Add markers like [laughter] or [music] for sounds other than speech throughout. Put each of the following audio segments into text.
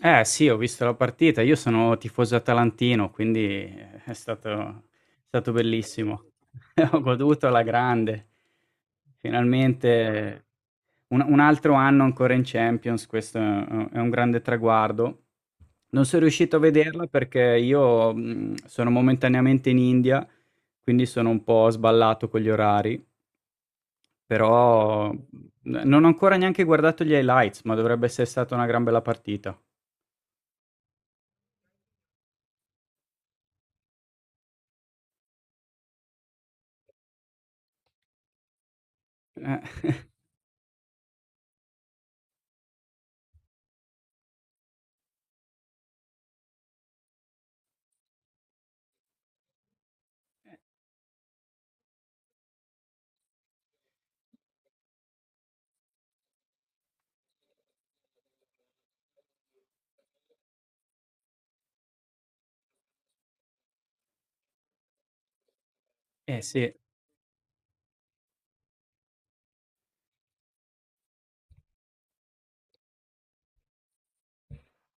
Eh sì, ho visto la partita. Io sono tifoso atalantino, quindi è stato bellissimo. [laughs] Ho goduto alla grande. Finalmente un altro anno ancora in Champions, questo è un grande traguardo. Non sono riuscito a vederla perché io, sono momentaneamente in India, quindi sono un po' sballato con gli orari, però n non ho ancora neanche guardato gli highlights, ma dovrebbe essere stata una gran bella partita. Eh, eh sì.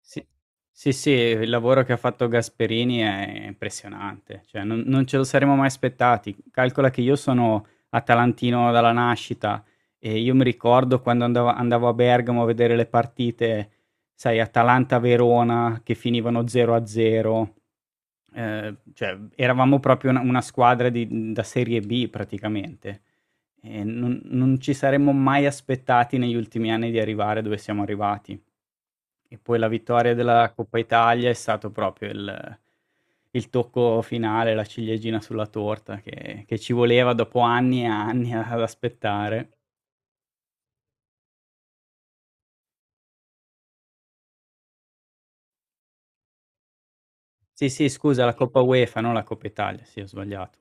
Sì, sì, sì, il lavoro che ha fatto Gasperini è impressionante, cioè non ce lo saremmo mai aspettati. Calcola che io sono atalantino dalla nascita e io mi ricordo quando andavo a Bergamo a vedere le partite, sai, Atalanta-Verona che finivano 0-0, cioè eravamo proprio una squadra di da serie B praticamente. E non ci saremmo mai aspettati negli ultimi anni di arrivare dove siamo arrivati. E poi la vittoria della Coppa Italia è stato proprio il tocco finale, la ciliegina sulla torta che ci voleva dopo anni e anni ad aspettare. Sì, sì, scusa, la Coppa UEFA, non la Coppa Italia, sì, ho sbagliato.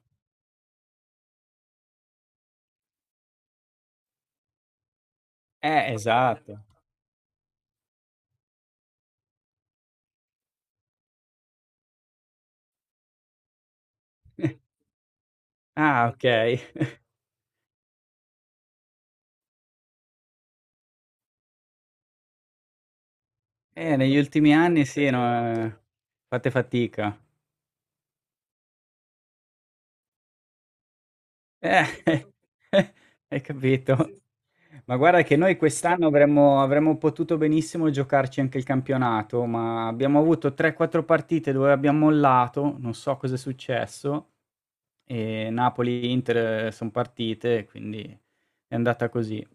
Esatto. [laughs] Ah, okay. Negli ultimi anni sì, no, ehm, fate fatica. Eh, [laughs] hai capito. Ma guarda che noi quest'anno avremmo potuto benissimo giocarci anche il campionato, ma abbiamo avuto 3-4 partite dove abbiamo mollato, non so cosa è successo, e Napoli e Inter sono partite, quindi è andata così.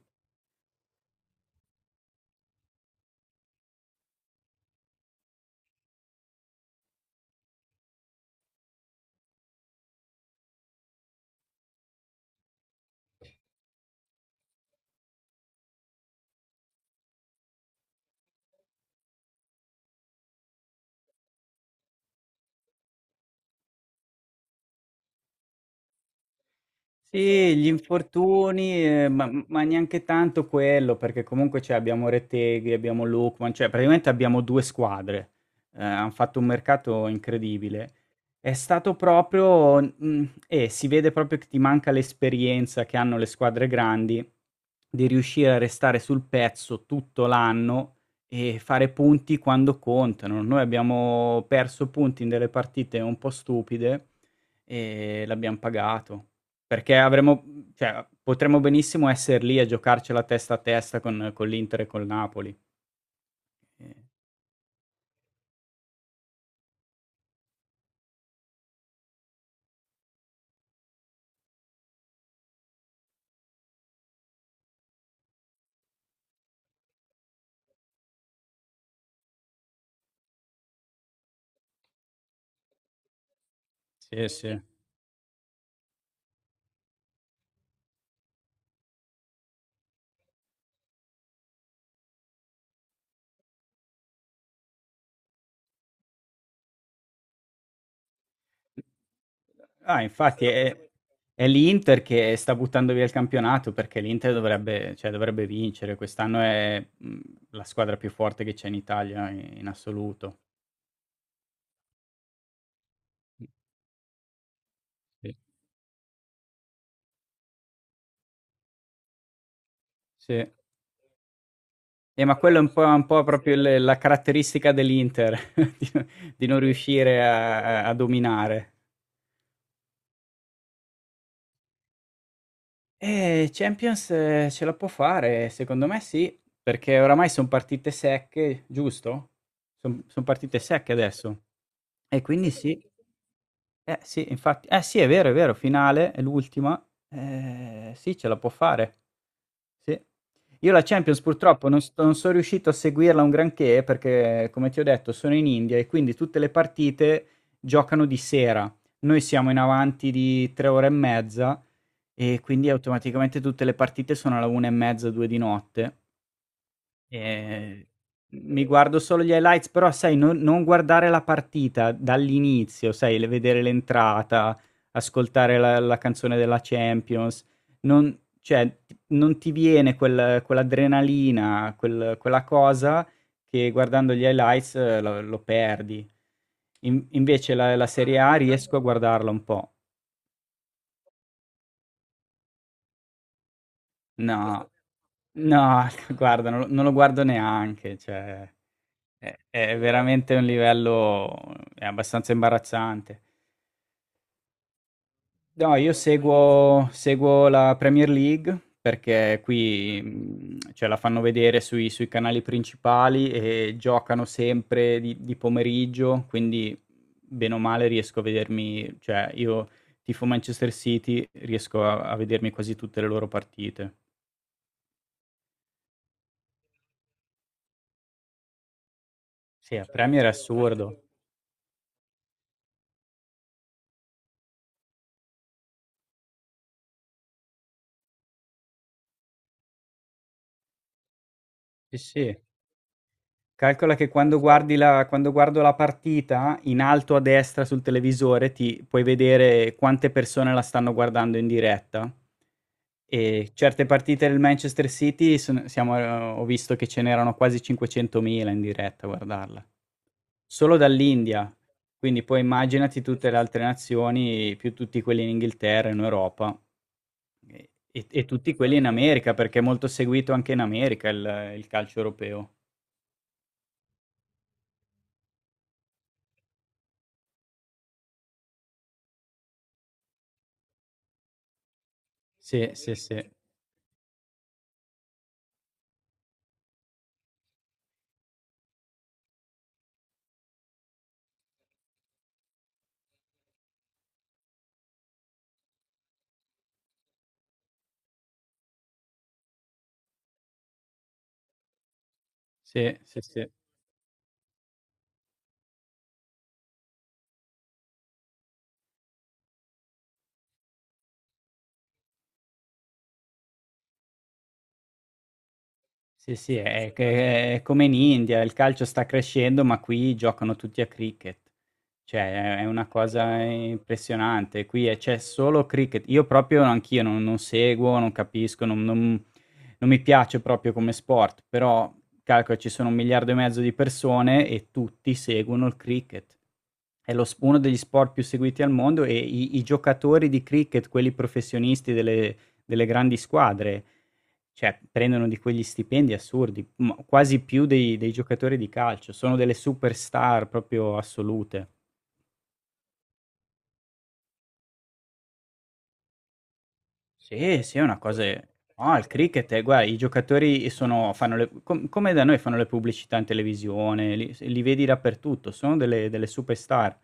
Sì, gli infortuni, ma neanche tanto quello, perché comunque cioè abbiamo Reteghi, abbiamo Lookman, cioè praticamente abbiamo due squadre. Hanno fatto un mercato incredibile. È stato proprio, e si vede proprio che ti manca l'esperienza che hanno le squadre grandi di riuscire a restare sul pezzo tutto l'anno e fare punti quando contano. Noi abbiamo perso punti in delle partite un po' stupide e l'abbiamo pagato. Perché avremmo cioè, potremmo benissimo essere lì a giocarcela testa a testa con l'Inter e col Napoli. Eh, Sì, sì. Ah, infatti è l'Inter che sta buttando via il campionato, perché l'Inter dovrebbe cioè, dovrebbe vincere. Quest'anno è, la squadra più forte che c'è in Italia i in assoluto. Mh, sì. Sì. Ma quello è un po', proprio il la caratteristica dell'Inter, [laughs] di no di non riuscire a dominare. Champions, ce la può fare, secondo me sì, perché oramai son partite secche, giusto? Son partite secche adesso. E quindi sì. Eh sì, infatti eh sì, è vero, finale, è l'ultima. Sì, ce la può fare. Sì. Io la Champions purtroppo non sono riuscito a seguirla un granché perché, come ti ho detto, sono in India e quindi tutte le partite giocano di sera. Noi siamo in avanti di 3 ore e mezza e quindi automaticamente tutte le partite sono alla una e mezza, due di notte. Ehm, Mi guardo solo gli highlights, però sai, non non guardare la partita dall'inizio, sai, le vedere l'entrata, ascoltare la canzone della Champions, non, cioè, non ti viene quell'adrenalina, quella cosa che, guardando gli highlights, lo perdi. In Invece la Serie A riesco a guardarla un po'. No, no, [laughs] guarda, non lo guardo neanche, cioè è veramente un livello, è abbastanza imbarazzante. No, io seguo la Premier League perché qui, cioè la fanno vedere sui canali principali e giocano sempre di pomeriggio, quindi bene o male riesco a vedermi, cioè, io tifo Manchester City, riesco a vedermi quasi tutte le loro partite. Sì, a Premier è assurdo. Sì, sì. Calcola che quando guardo la partita, in alto a destra sul televisore ti puoi vedere quante persone la stanno guardando in diretta. E certe partite del Manchester City, son siamo ho visto che ce n'erano quasi 500.000 in diretta a guardarla. Solo dall'India, quindi poi immaginati tutte le altre nazioni, più tutti quelli in Inghilterra, in Europa e tutti quelli in America, perché è molto seguito anche in America il calcio europeo. Sì, sì, sì. Sì, sì, sì. Sì, sì, è che è come in India, il calcio sta crescendo, ma qui giocano tutti a cricket. Cioè, è una cosa impressionante. Qui c'è solo cricket. Io proprio anch'io non seguo, non capisco, non mi piace proprio come sport, però calcola, ci sono 1,5 miliardi di persone e tutti seguono il cricket. È lo uno degli sport più seguiti al mondo, e i giocatori di cricket, quelli professionisti delle grandi squadre, cioè, prendono di quegli stipendi assurdi, ma quasi più dei giocatori di calcio, sono delle superstar proprio assolute. Sì, sì, è una cosa, no, il cricket, è guarda, i giocatori sono fanno, le com come da noi fanno le pubblicità in televisione, li vedi dappertutto, sono delle superstar.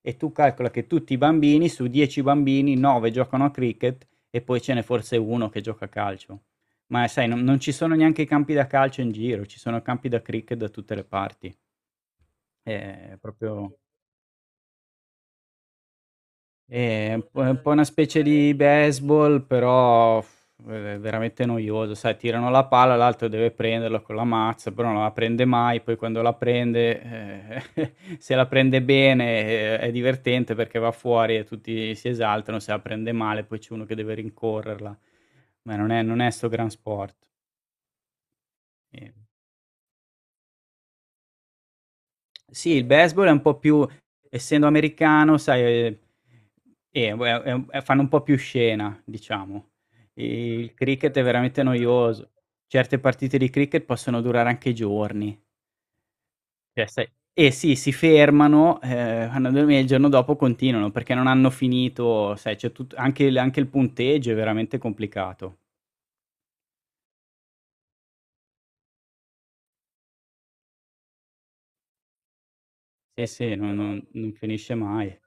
E tu calcola che tutti i bambini, su 10 bambini, 9 giocano a cricket e poi ce n'è forse 1 che gioca a calcio. Ma sai, non ci sono neanche i campi da calcio in giro, ci sono campi da cricket da tutte le parti. Proprio, è un po', una specie di baseball, però v veramente noioso, sai, tirano la palla, l'altro deve prenderla con la mazza, però non la prende mai, poi quando la prende, [laughs] se la prende bene, è divertente perché va fuori e tutti si esaltano, se la prende male poi c'è uno che deve rincorrerla. Ma non è 'sto gran sport, ehm Sì, il baseball è un po' più, essendo americano, sai, è fanno un po' più scena, diciamo. Il cricket è veramente noioso. Certe partite di cricket possono durare anche giorni. Cioè, sai, eh sì, si fermano, vanno a dormire e il giorno dopo continuano, perché non hanno finito, sai, c'è tut anche il punteggio è veramente complicato. Sì, sì, non finisce mai.